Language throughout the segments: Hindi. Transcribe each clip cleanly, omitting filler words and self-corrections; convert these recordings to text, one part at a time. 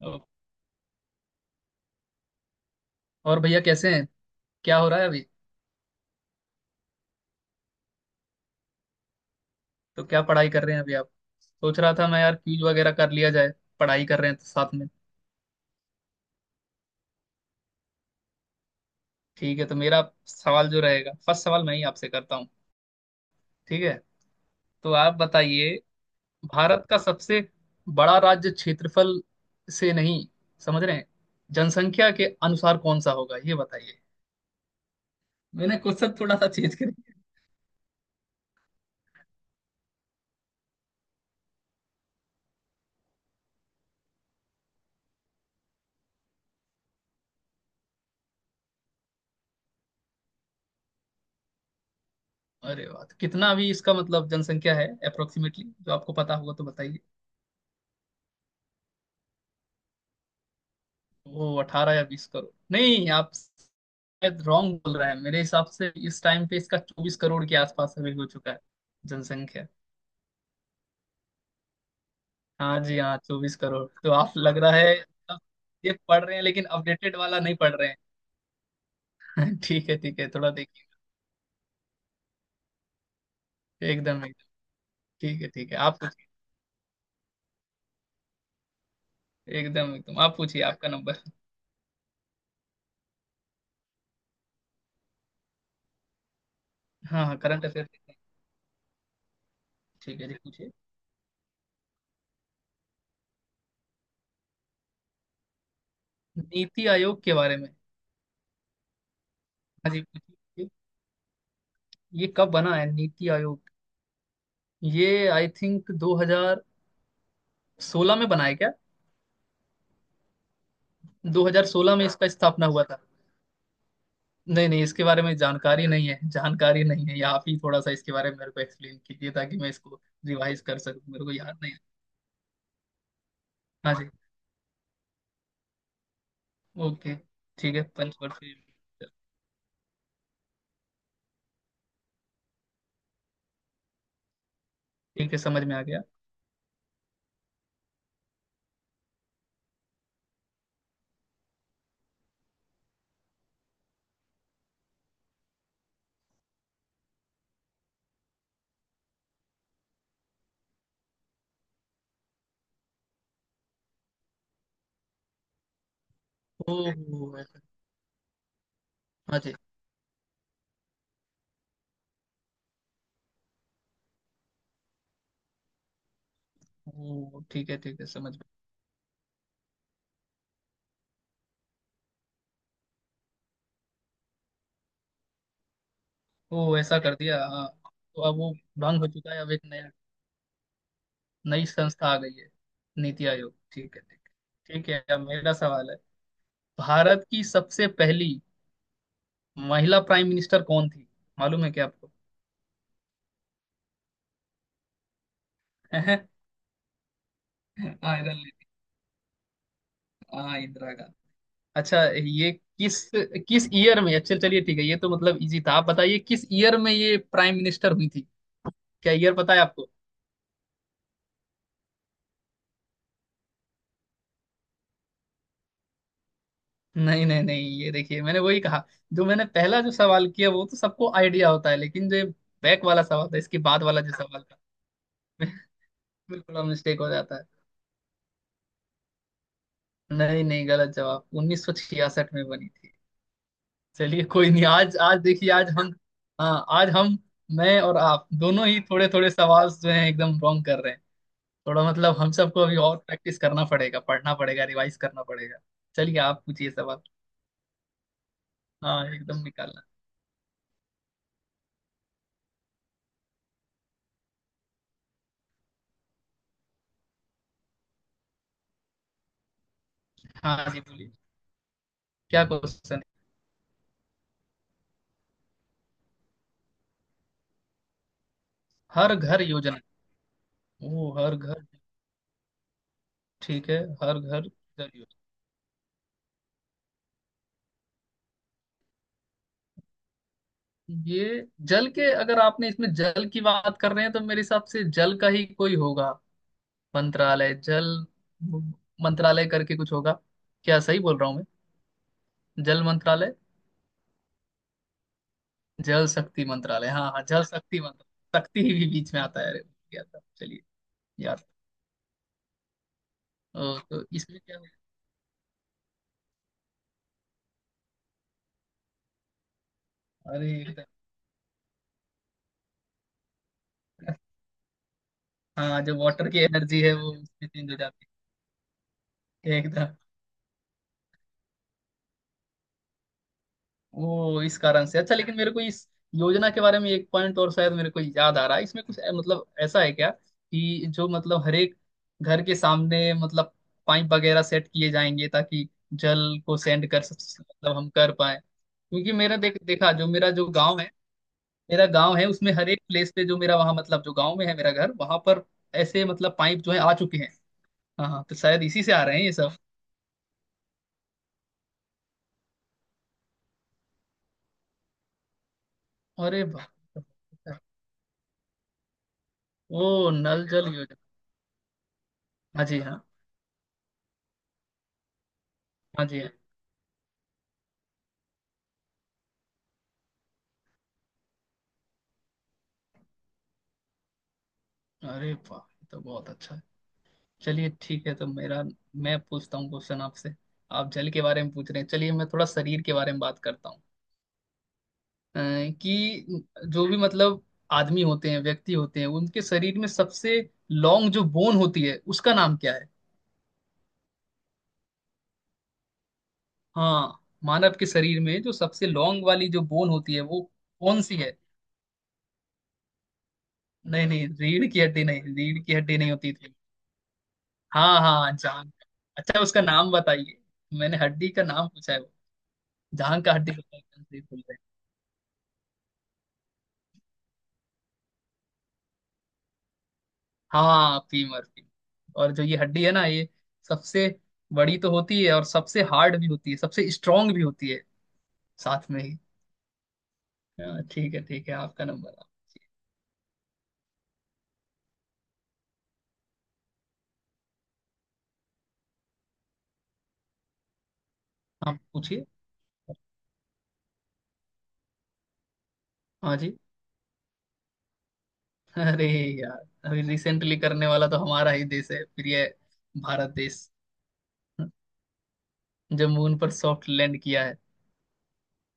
ओ, और भैया कैसे हैं? क्या हो रहा है अभी? तो क्या पढ़ाई कर रहे हैं अभी आप? सोच रहा था मैं, यार क्यूज वगैरह कर लिया जाए, पढ़ाई कर रहे हैं तो साथ में। ठीक है, तो मेरा सवाल जो रहेगा, फर्स्ट सवाल मैं ही आपसे करता हूँ, ठीक है? तो आप बताइए, भारत का सबसे बड़ा राज्य क्षेत्रफल से नहीं, समझ रहे हैं, जनसंख्या के अनुसार कौन सा होगा ये बताइए। मैंने क्वेश्चन थोड़ा सा चेंज कर दिया। अरे वाह, तो कितना भी इसका मतलब जनसंख्या है अप्रोक्सीमेटली जो आपको पता होगा तो बताइए। वो अठारह या बीस करोड़ नहीं, आप शायद रॉन्ग बोल रहे हैं, मेरे हिसाब से इस टाइम पे इसका चौबीस करोड़ के आसपास अभी हो चुका है। जनसंख्या। हाँ जी हाँ, चौबीस करोड़ तो आप, लग रहा है आप ये पढ़ रहे हैं लेकिन अपडेटेड वाला नहीं पढ़ रहे हैं। ठीक है ठीक है, थोड़ा देखिए। एकदम एकदम। ठीक है ठीक है, आप पूछिए। एकदम एकदम आप पूछिए, आपका नंबर। हाँ हाँ, करंट अफेयर। ठीक है जी, पूछिए। नीति आयोग के बारे में। हाँ जी पूछिए। ये कब बना है नीति आयोग? ये आई थिंक 2016 में बना है क्या? 2016 में इसका स्थापना हुआ था। नहीं नहीं, इसके बारे में जानकारी नहीं है, जानकारी नहीं है, आप ही थोड़ा सा इसके बारे में मेरे को एक्सप्लेन कीजिए ताकि मैं इसको रिवाइज कर सकूं, मेरे को याद नहीं है। हाँ जी। ओके। ठीक है, पंचवर्षीय मिशन। ठीक है, समझ में आ गया। ओ ऐसा। हाँ जी। ओ ठीक है ठीक है, समझ में। ओ ऐसा कर दिया, हाँ। तो अब वो भंग हो चुका है, अब एक नया, नई संस्था आ गई है। नीति आयोग, ठीक है ठीक है, ठीक है, अब मेरा सवाल है। भारत की सबसे पहली महिला प्राइम मिनिस्टर कौन थी, मालूम है क्या आपको? हाँ, हाँ इंदिरा गांधी। अच्छा, ये किस किस ईयर में, अच्छा चलिए ठीक है, ये तो मतलब इजी था। आप बताइए किस ईयर में ये प्राइम मिनिस्टर हुई थी? क्या ईयर पता है आपको? नहीं नहीं नहीं, ये देखिए, मैंने वही कहा, जो मैंने पहला जो सवाल किया वो तो सबको आइडिया होता है, लेकिन जो बैक वाला सवाल था, इसके बाद वाला जो सवाल था। बिल्कुल मिस्टेक हो जाता है। नहीं नहीं, गलत जवाब, 1966 में बनी थी। चलिए कोई नहीं, आज आज देखिए, आज हम, हाँ, आज हम, मैं और आप दोनों ही थोड़े थोड़े सवाल जो हैं एकदम रॉन्ग कर रहे हैं। थोड़ा मतलब हम सबको अभी और प्रैक्टिस करना पड़ेगा, पढ़ना पड़ेगा, रिवाइज करना पड़ेगा। चलिए आप पूछिए सवाल। हाँ एकदम, निकालना। हाँ जी बोलिए, क्या क्वेश्चन है? हर घर योजना। ओ हर घर। ठीक है, हर घर जल योजना। ये जल के, अगर आपने इसमें जल की बात कर रहे हैं तो मेरे हिसाब से जल का ही कोई होगा, मंत्रालय जल, मंत्रालय करके कुछ होगा, क्या सही बोल रहा हूँ मैं? जल मंत्रालय। जल शक्ति मंत्रालय, हाँ हाँ, जल शक्ति मंत्रालय। शक्ति ही भी बीच में आता है, अरे क्या था, चलिए। यार। ओ, तो इसमें क्या होगा? अरे एकदम। हाँ, जो वाटर की एनर्जी है वो इसमें चेंज हो जाती है एकदम। वो इस कारण से, अच्छा लेकिन मेरे को इस योजना के बारे में एक पॉइंट और शायद मेरे को याद आ रहा है, इसमें कुछ मतलब, ऐसा है क्या कि जो मतलब हर एक घर के सामने मतलब पाइप वगैरह सेट किए जाएंगे ताकि जल को सेंड कर मतलब हम कर पाए, क्योंकि मेरा देखा जो, मेरा जो गांव है, मेरा गांव है उसमें हर एक प्लेस पे जो मेरा वहाँ मतलब, जो गांव में है मेरा घर, वहां पर ऐसे मतलब पाइप जो है आ चुके हैं। हाँ हाँ, तो शायद इसी से आ रहे हैं ये सब। अरे वाह। ओ नल जल योजना। हाँ जी हाँ, हाँ जी हाँ। अरे वाह, ये तो बहुत अच्छा है। चलिए ठीक है, तो मेरा मैं पूछता हूँ क्वेश्चन आपसे। आप जल के बारे में पूछ रहे हैं, चलिए मैं थोड़ा शरीर के बारे में बात करता हूँ। अ, कि जो भी मतलब आदमी होते हैं, व्यक्ति होते हैं, उनके शरीर में सबसे लॉन्ग जो बोन होती है उसका नाम क्या है? हाँ। मानव के शरीर में जो सबसे लॉन्ग वाली जो बोन होती है वो कौन सी है? नहीं नहीं, रीढ़ की हड्डी नहीं, रीढ़ की हड्डी नहीं होती थी। हाँ हाँ, जान अच्छा उसका नाम बताइए, मैंने हड्डी का नाम पूछा है, जहाँ का हड्डी, खुल रही, खुल रही। हाँ फीमर, फीमर, और जो ये हड्डी है ना, ये सबसे बड़ी तो होती है और सबसे हार्ड भी होती है, सबसे स्ट्रांग भी होती है साथ में ही। हाँ, ठीक है ठीक है, आपका नंबर। आप पूछिए। हाँ जी। अरे यार, अभी रिसेंटली करने वाला तो हमारा ही देश है, प्रिय भारत देश, जो मून पर सॉफ्ट लैंड किया है।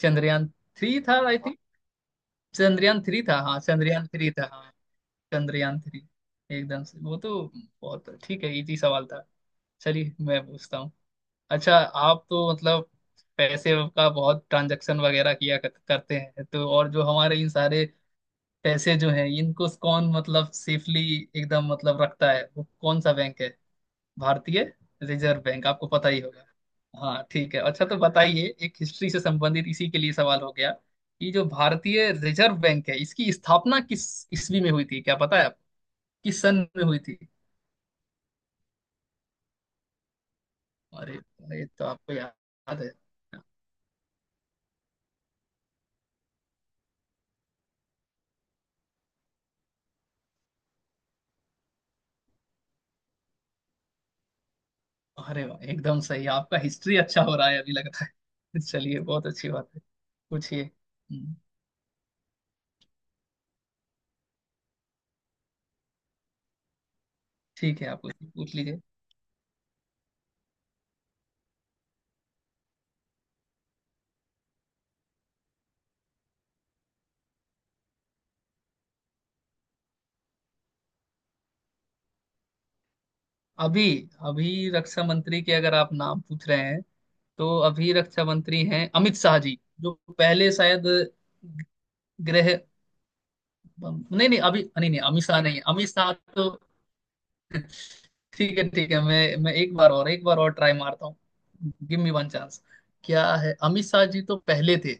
चंद्रयान थ्री था आई थिंक, चंद्रयान थ्री था, हाँ, चंद्रयान थ्री था, हाँ। चंद्रयान थ्री एकदम से, वो तो बहुत ठीक है, इजी सवाल था, चलिए मैं पूछता हूँ। अच्छा, आप तो मतलब पैसे का बहुत ट्रांजैक्शन वगैरह किया करते हैं तो, और जो हमारे इन सारे पैसे जो हैं इनको कौन मतलब सेफली एकदम मतलब रखता है, वो कौन सा बैंक है? भारतीय रिजर्व बैंक, आपको पता ही होगा। हाँ ठीक है, अच्छा तो बताइए, एक हिस्ट्री से संबंधित इसी के लिए सवाल हो गया कि जो भारतीय रिजर्व बैंक है इसकी स्थापना किस ईस्वी में हुई थी, क्या पता है आपको, किस सन में हुई थी? अरे ये तो आपको याद है। अरे वाह, एकदम सही, आपका हिस्ट्री अच्छा हो रहा है अभी, लगता है। चलिए बहुत अच्छी बात है। पूछिए। हम्म। ठीक है, आप पूछ पूछ लीजिए। अभी। अभी रक्षा मंत्री के, अगर आप नाम पूछ रहे हैं तो अभी रक्षा मंत्री हैं अमित शाह जी, जो पहले शायद गृह, नहीं नहीं, अभी नहीं नहीं, अमित शाह नहीं है, अमित शाह तो, ठीक है ठीक है, मैं एक बार और, एक बार और ट्राई मारता हूँ, गिव मी वन चांस। क्या है, अमित शाह जी तो पहले थे,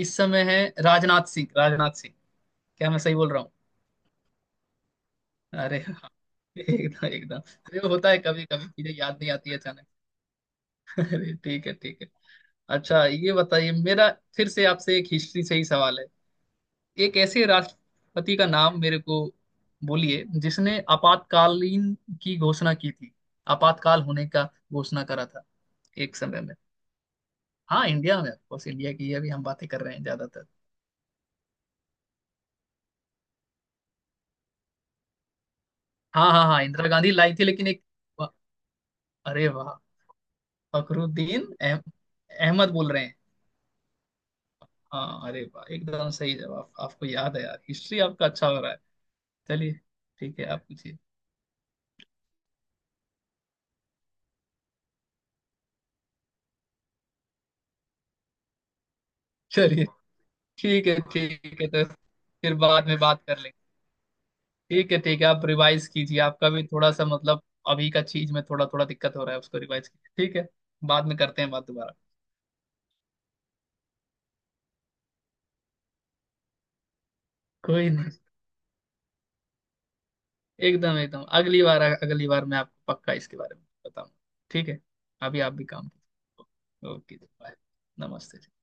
इस समय है राजनाथ सिंह, राजनाथ सिंह। क्या मैं सही बोल रहा हूँ? अरे हाँ, एकदम एकदम, अरे वो होता है, कभी कभी चीजें याद नहीं आती अचानक। अरे ठीक है ठीक है। अच्छा, ये बताइए, मेरा फिर से आपसे एक हिस्ट्री से ही सवाल है। एक ऐसे राष्ट्रपति का नाम मेरे को बोलिए जिसने आपातकालीन की घोषणा की थी, आपातकाल होने का घोषणा करा था, एक समय में। हाँ इंडिया में, ऑफकोर्स, इंडिया की अभी हम बातें कर रहे हैं ज्यादातर। हाँ हाँ हाँ, इंदिरा गांधी लाई थी लेकिन एक, वाह, अरे वाह, फखरुद्दीन अहमद बोल रहे हैं। हाँ अरे वाह, एकदम सही जवाब, आपको याद है यार, हिस्ट्री आपका अच्छा हो रहा है, चलिए। ठीक है आप पूछिए। चलिए ठीक है ठीक है, तो फिर बाद में बात कर लेंगे। ठीक है ठीक है, आप रिवाइज कीजिए, आपका भी थोड़ा सा मतलब अभी का चीज में थोड़ा थोड़ा दिक्कत हो रहा है, उसको रिवाइज कीजिए ठीक है, बाद में करते हैं बात दोबारा। कोई नहीं, एकदम एकदम, अगली बार मैं आपको पक्का इसके बारे में बताऊंगा। ठीक है, अभी आप भी काम कीजिए, ओके बाय। नमस्ते।